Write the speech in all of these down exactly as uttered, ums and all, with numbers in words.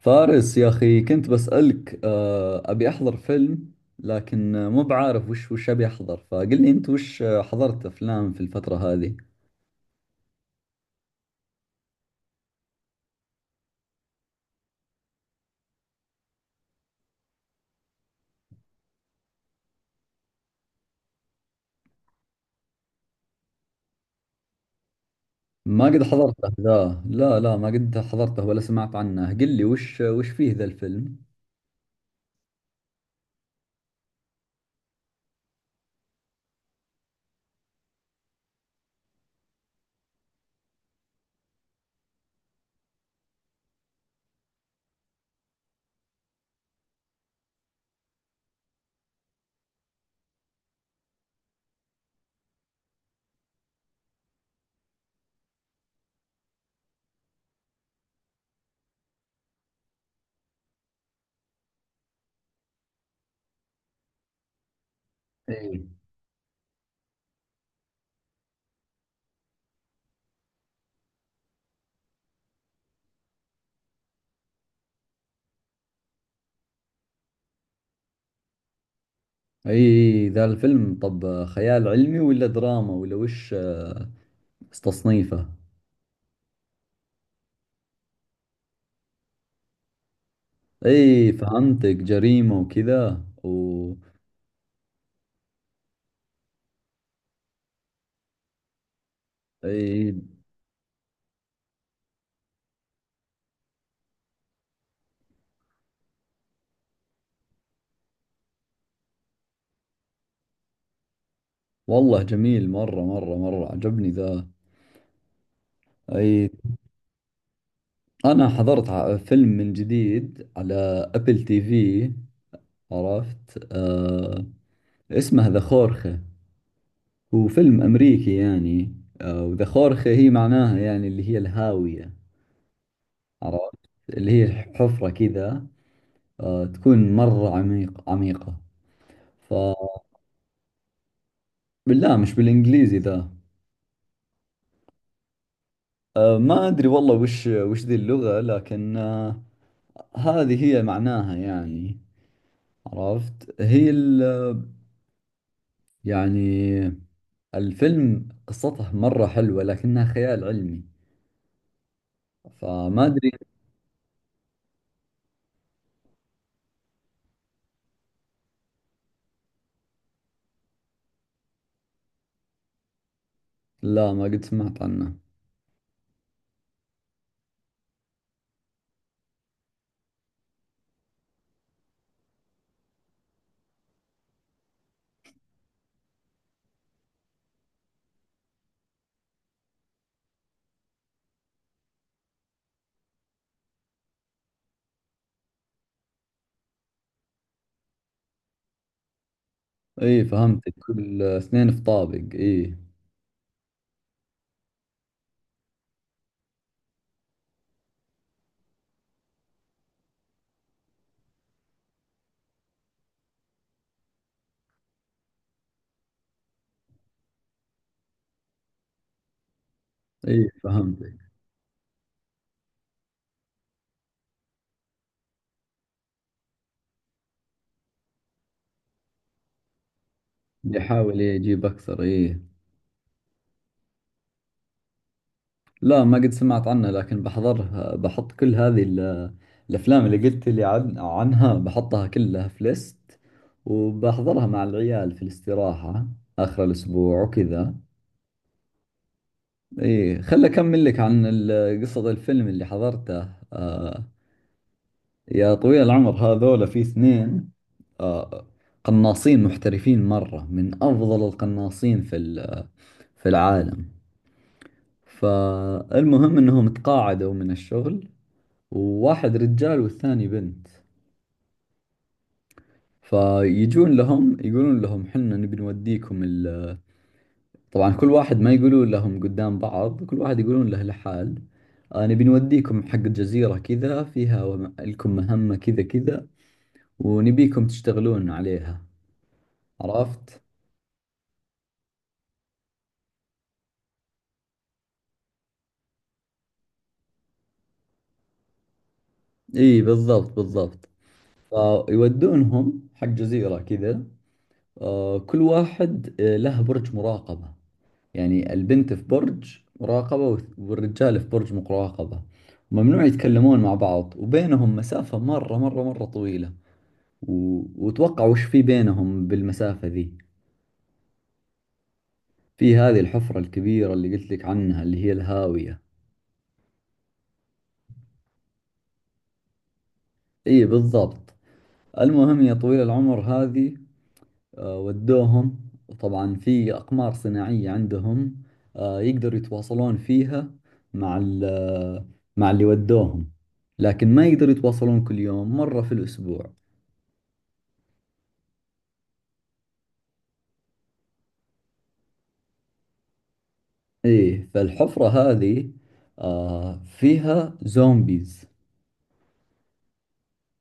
فارس يا أخي، كنت بسألك آه، أبي أحضر فيلم لكن آه، مو بعارف وش وش أبي أحضر. فقل لي أنت وش آه، حضرت أفلام في الفترة هذه؟ ما قد حضرته ذا، لا لا ما قد حضرته ولا سمعت عنه. قل لي وش وش فيه ذا الفيلم. اي، أي ذا الفيلم طب آه، خيال علمي ولا دراما ولا وش آه، تصنيفه؟ أي فهمتك، جريمة وكذا و أي. والله جميل، مرة مرة مرة عجبني ذا. اي، أنا حضرت ع- فيلم من جديد على أبل تي في. عرفت آه، اسمه ذا خورخة. هو فيلم أمريكي يعني. آه، وذا خورخة هي معناها يعني اللي هي الهاوية. عرفت، اللي هي حفرة كذا، آه تكون مرة عميق عميقة. ف بالله مش بالإنجليزي ذا. آه، ما أدري والله وش وش ذي اللغة لكن آه، هذه هي معناها يعني. عرفت، هي ال يعني الفيلم قصته مرة حلوة لكنها خيال علمي. فما أدري. لا ما قد سمعت عنه. إيه فهمتك، كل اثنين في طابق. إيه، إيه فهمتك، يحاول يجيب أكثر. إيه، لا ما قد سمعت عنه لكن بحضرها، بحط كل هذه ال- الأفلام اللي قلت لي عن عنها، بحطها كلها في ليست وبحضرها مع العيال في الاستراحة آخر الأسبوع وكذا. إيه خل أكمل لك عن ال- قصة الفيلم اللي حضرته. آه، يا طويل العمر، هذول في اثنين، آه، قناصين محترفين مرة، من أفضل القناصين في ال- في العالم. فالمهم أنهم تقاعدوا من الشغل، وواحد رجال والثاني بنت. فيجون لهم يقولون لهم: حنا نبي نوديكم ال... طبعا كل واحد، ما يقولون لهم قدام بعض، كل واحد يقولون له لحال: آه، نبي نوديكم حق جزيرة كذا فيها وم- لكم مهمة كذا كذا، ونبيكم تشتغلون عليها. عرفت. اي بالضبط بالضبط. فيودونهم حق جزيرة كذا، آه، كل واحد آه، له برج مراقبة، يعني البنت في برج مراقبة والث- والرجال في برج مراقبة. ممنوع يتكلمون مع بعض وبينهم مسافة مرة مرة مرة طويلة و... وتوقع وش في بينهم بالمسافة ذي؟ في هذه الحفرة الكبيرة اللي قلت لك عنها اللي هي الهاوية. اي بالضبط. المهم يا طويل العمر، هذه آه، ودوهم. طبعا في أقمار صناعية عندهم آه، يقدروا يتواصلون فيها مع ال- آه، مع اللي ودوهم، لكن ما يقدروا يتواصلون كل يوم، مرة في الأسبوع. إيه فالحفرة هذه آه، فيها زومبيز،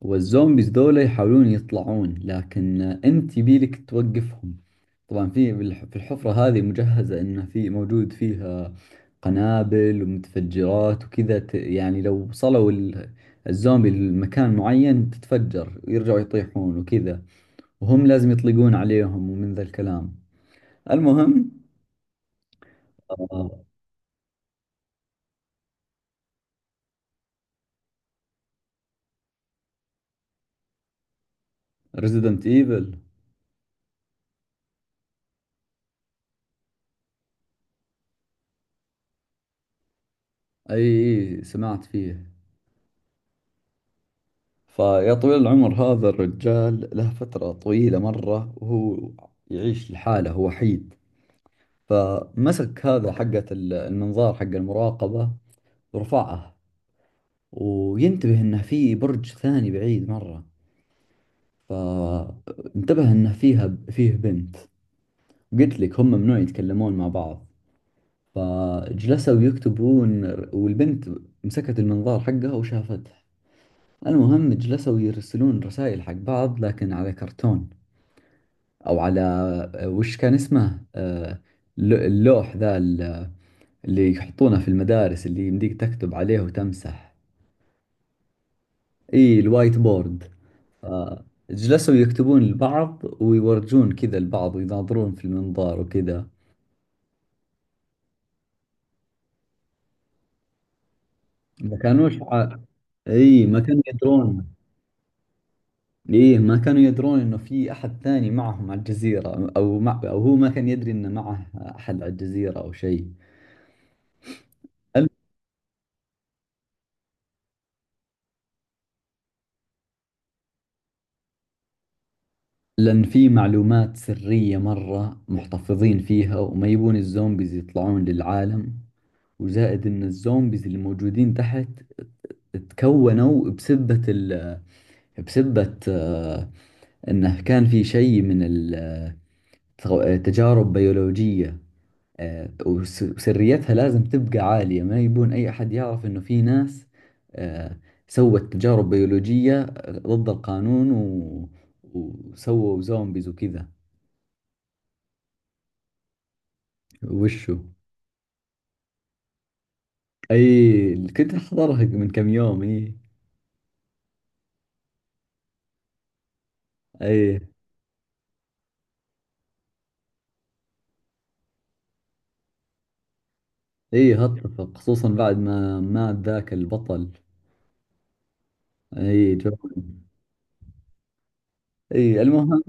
والزومبيز ذولا يحاولون يطلعون لكن انت يبيلك توقفهم. طبعا في بالح- في الحفرة هذه مجهزة انه في موجود فيها قنابل ومتفجرات وكذا، ت- يعني لو وصلوا ال- الزومبي لمكان معين تتفجر ويرجعوا يطيحون وكذا، وهم لازم يطلقون عليهم ومن ذا الكلام. المهم، ريزيدنت ايفل. اي، إي، سمعت فيه. فيا طويل العمر، هذا الرجال له فترة طويلة مرة وهو يعيش لحاله، هو وحيد. فمسك هذا حقة ال- المنظار حق المراقبة ورفعه، وينتبه انه في برج ثاني بعيد مرة، فانتبه انه فيها فيه بنت. قلت لك هم ممنوع يتكلمون مع بعض، فجلسوا يكتبون. والبنت مسكت المنظار حقها وشافته. المهم جلسوا يرسلون رسائل حق بعض لكن على كرتون او على آه، وش كان اسمه آه، ل- اللوح ذا ال- اللي يحطونه في المدارس، اللي يمديك تكتب عليه وتمسح. اي، الوايت بورد. آه، جلسوا يكتبون لبعض ويورجون كذا لبعض ويناظرون في المنظار وكذا. ما كانوش ع... اي ما كانوا يدرون. ايه ما كانوا يدرون انه في احد ثاني معهم على الجزيرة، او مع... او هو ما كان يدري انه معه احد على الجزيرة او شيء. لأن في معلومات سرية مرة محتفظين فيها وما يبون الزومبيز يطلعون للعالم، وزائد إن الزومبيز اللي موجودين تحت تكونوا بسبة ال بسبة آه، إنه كان في شيء من ال- آه، تجارب بيولوجية آه، وس- وسريتها لازم تبقى عالية، ما يبون أي أحد يعرف إنه في ناس آه، سوت تجارب بيولوجية ضد القانون و... وسووا زومبيز وكذا. وشو؟ اي كنت احضرها من كم يوم، اي. اي، اي هتفق، خصوصا بعد ما مات ذاك البطل. اي جو. اي المهم.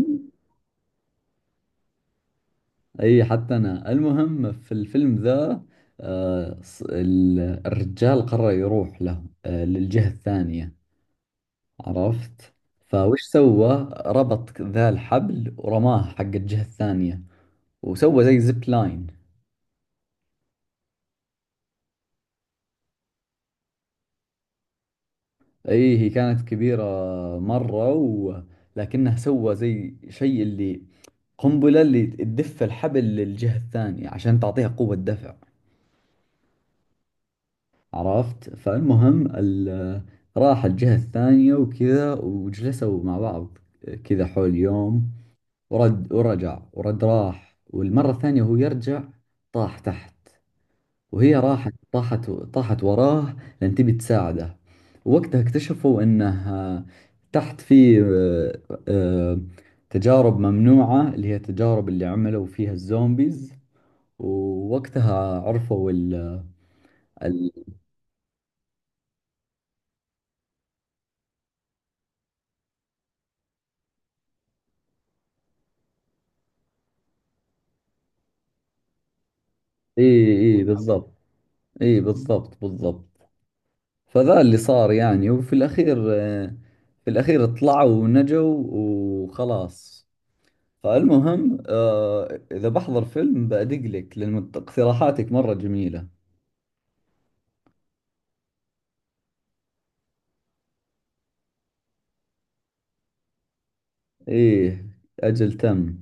اي حتى انا. المهم في الفيلم ذا، آه ص- ال- الرجال قرر يروح له آه للجهة الثانية. عرفت. فوش سوى، ربط ذا الحبل ورماه حق الجهة الثانية، وسوى زي زيب لاين. اي هي كانت كبيرة مرة و... لكنه سوى زي شيء اللي قنبلة اللي تدف الحبل للجهة الثانية عشان تعطيها قوة دفع. عرفت. فالمهم ال... راح الجهة الثانية وكذا وجلسوا مع بعض كذا حول يوم. ورد ورجع ورد راح والمرة الثانية وهو يرجع طاح تحت، وهي راحت طاحت طاحت وراه، لأن تبي تساعده. ووقتها اكتشفوا انه آه، تحت في آه، آه، تجارب ممنوعة اللي هي التجارب اللي عملوا فيها الزومبيز. ووقتها عرفوا ال ال. اي. اي بالضبط، اي بالضبط بالضبط. فذا اللي صار يعني. وفي الأخير آه، في الأخير طلعوا ونجوا وخلاص. فالمهم آه إذا بحضر فيلم بأدق لك، لأن اقتراحاتك مرة جميلة. إيه أجل تم.